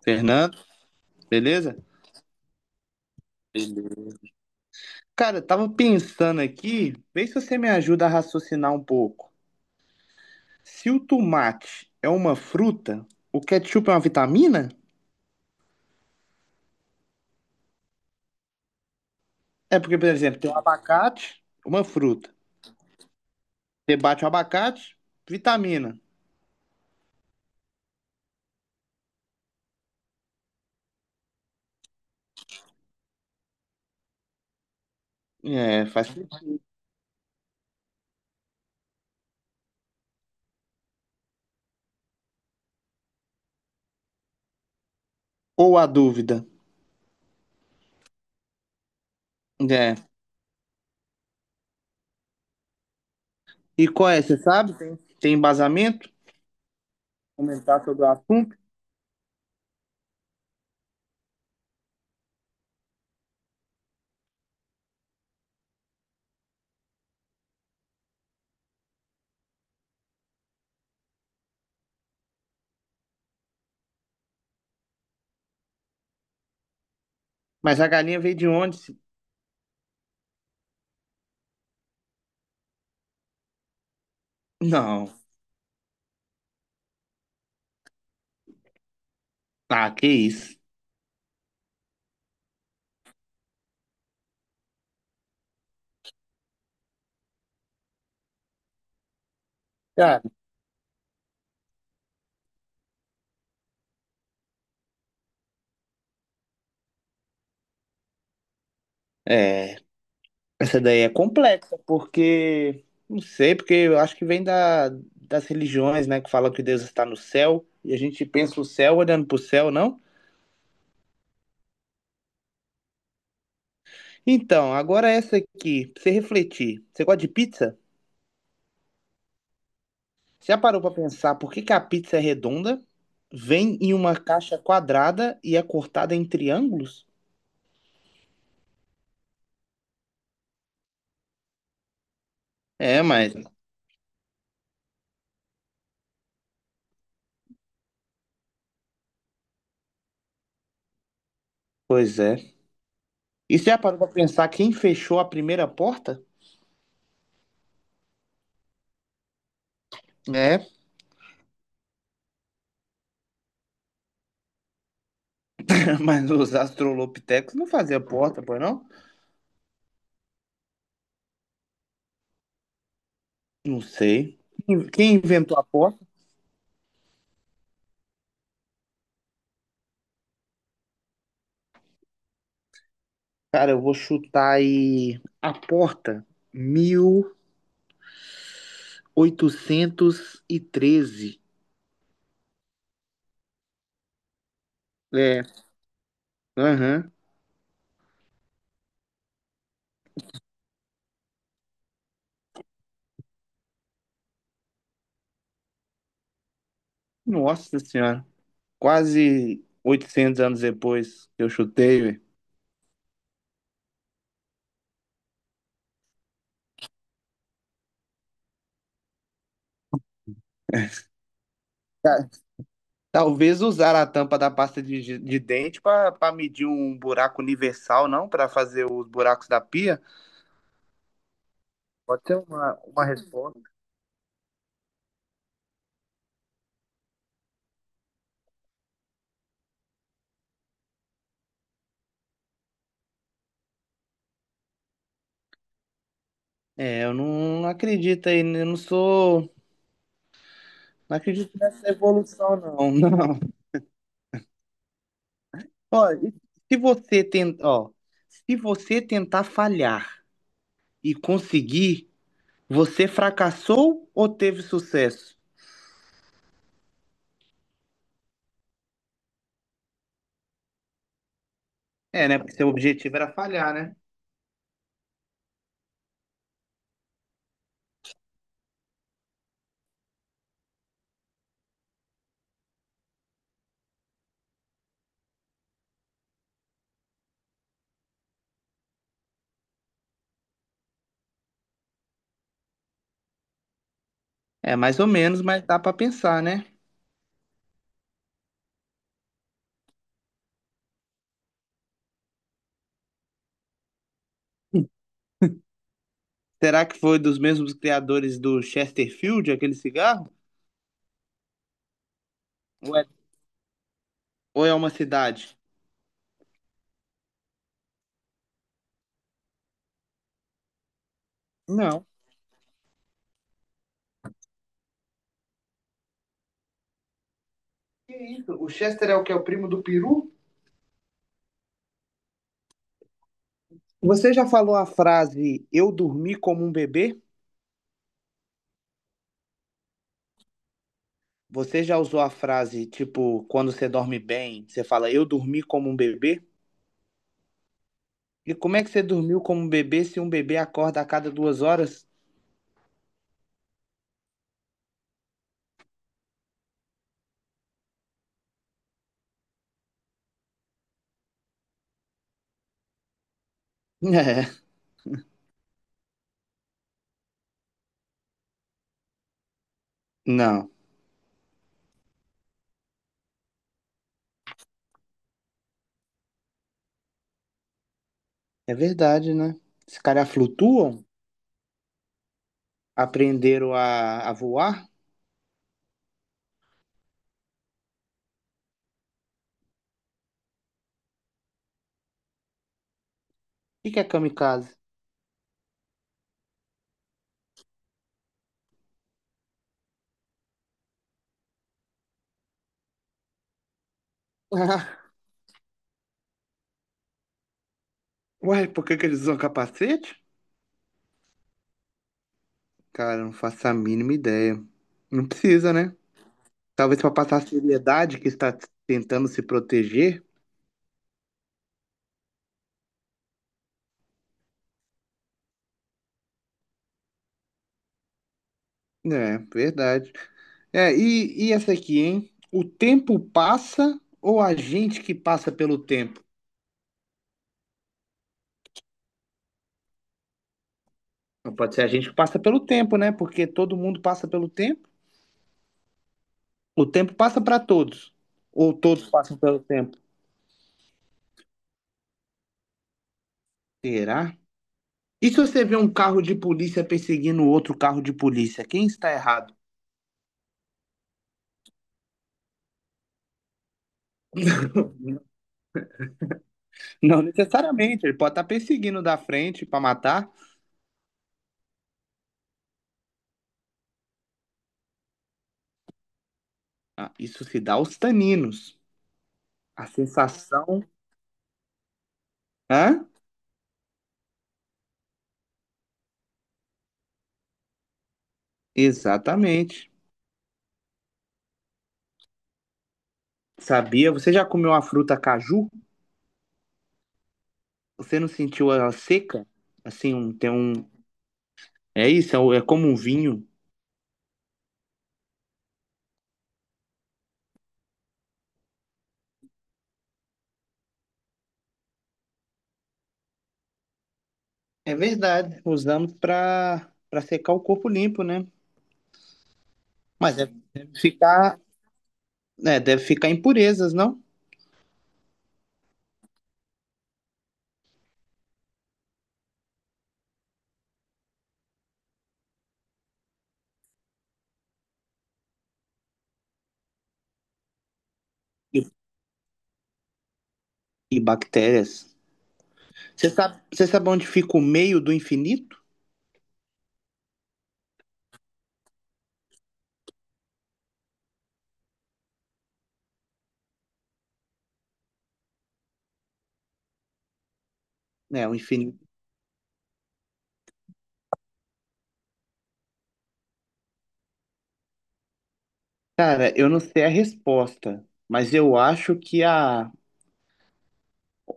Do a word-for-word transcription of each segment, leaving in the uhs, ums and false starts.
Fernando, beleza? Cara, eu tava pensando aqui, vê se você me ajuda a raciocinar um pouco. Se o tomate é uma fruta, o ketchup é uma vitamina? É porque, por exemplo, tem um abacate, uma fruta. Você bate o abacate, vitamina. É, faz sentido. Ou a dúvida. É. E qual é? Você sabe? Tem, tem embasamento? Comentar sobre o assunto? Mas a galinha veio de onde? se- Não. Ah, que isso. Cara, é. Essa daí é complexa, porque não sei, porque eu acho que vem da, das religiões, né, que falam que Deus está no céu, e a gente pensa o céu olhando para o céu, não? Então, agora essa aqui, pra você refletir. Você gosta de pizza? Você já parou para pensar por que que a pizza é redonda, vem em uma caixa quadrada e é cortada em triângulos? É, mas pois é. E você já parou para pensar quem fechou a primeira porta? É, mas os australopitecos não faziam porta, pois não? Não sei. Quem quem inventou a porta? Cara, eu vou chutar aí a porta mil oitocentos e treze. É, aham. Nossa senhora. Quase oitocentos anos depois que eu chutei, velho. Ta- Talvez usar a tampa da pasta de, de- de dente para medir um buraco universal, não? Para fazer os buracos da pia? Pode ser uma, uma resposta. É, eu não acredito aí, né? eu não sou Não acredito nessa evolução, não, não. Ó, e se você tentar, ó, se você tentar falhar e conseguir, você fracassou ou teve sucesso? É, né? Porque seu objetivo era falhar, né? É, mais ou menos, mas dá pra pensar, né? Será que foi dos mesmos criadores do Chesterfield, aquele cigarro? Ou é, ou é uma cidade? Não. Que isso? O Chester é o que é o primo do peru? Você já falou a frase eu dormi como um bebê? Você já usou a frase, tipo, quando você dorme bem, você fala, eu dormi como um bebê? E como é que você dormiu como um bebê se um bebê acorda a cada duas horas? É, não. É verdade, né? Esses caras flutuam? Aprenderam a, a voar? O que que é kamikaze? Ué, por que que eles usam capacete? Cara, não faço a mínima ideia. Não precisa, né? Talvez para passar a seriedade que está tentando se proteger. É, verdade. É, e, e essa aqui, hein? O tempo passa ou a gente que passa pelo tempo? Não pode ser a gente que passa pelo tempo, né? Porque todo mundo passa pelo tempo. O tempo passa para todos. Ou todos passam pelo tempo. Será? E se você vê um carro de polícia perseguindo outro carro de polícia, quem está errado? Não necessariamente, ele pode estar perseguindo da frente para matar. Ah, isso se dá aos taninos. A sensação. Hã? Exatamente. Sabia? Você já comeu a fruta caju? Você não sentiu ela seca? Assim, um, tem um. É isso, é, o- é como um vinho. É verdade. Usamos para para secar o corpo limpo, né? Mas deve, deve ficar, né, deve ficar impurezas, não? E, e bactérias. Você sabe, você sabe onde fica o meio do infinito? É, o infinito. Cara, eu não sei a resposta, mas eu acho que a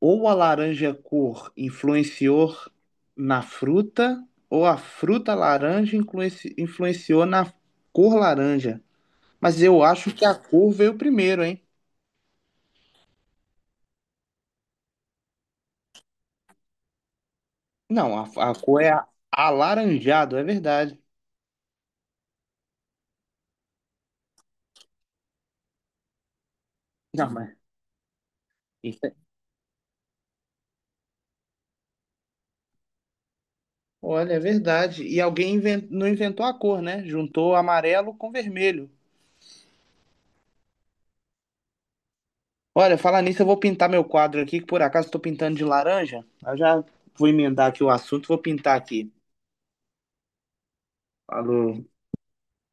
Ou a laranja cor influenciou na fruta, ou a fruta laranja influenci- influenciou na cor laranja. Mas eu acho que a cor veio primeiro, hein? Não, a, a cor é a- alaranjado, é verdade. Não, mas isso é- Olha, é verdade. E alguém inven- não inventou a cor, né? Juntou amarelo com vermelho. Olha, falar nisso, eu vou pintar meu quadro aqui, que por acaso estou pintando de laranja. Eu já vou emendar aqui o assunto, vou pintar aqui. Falou.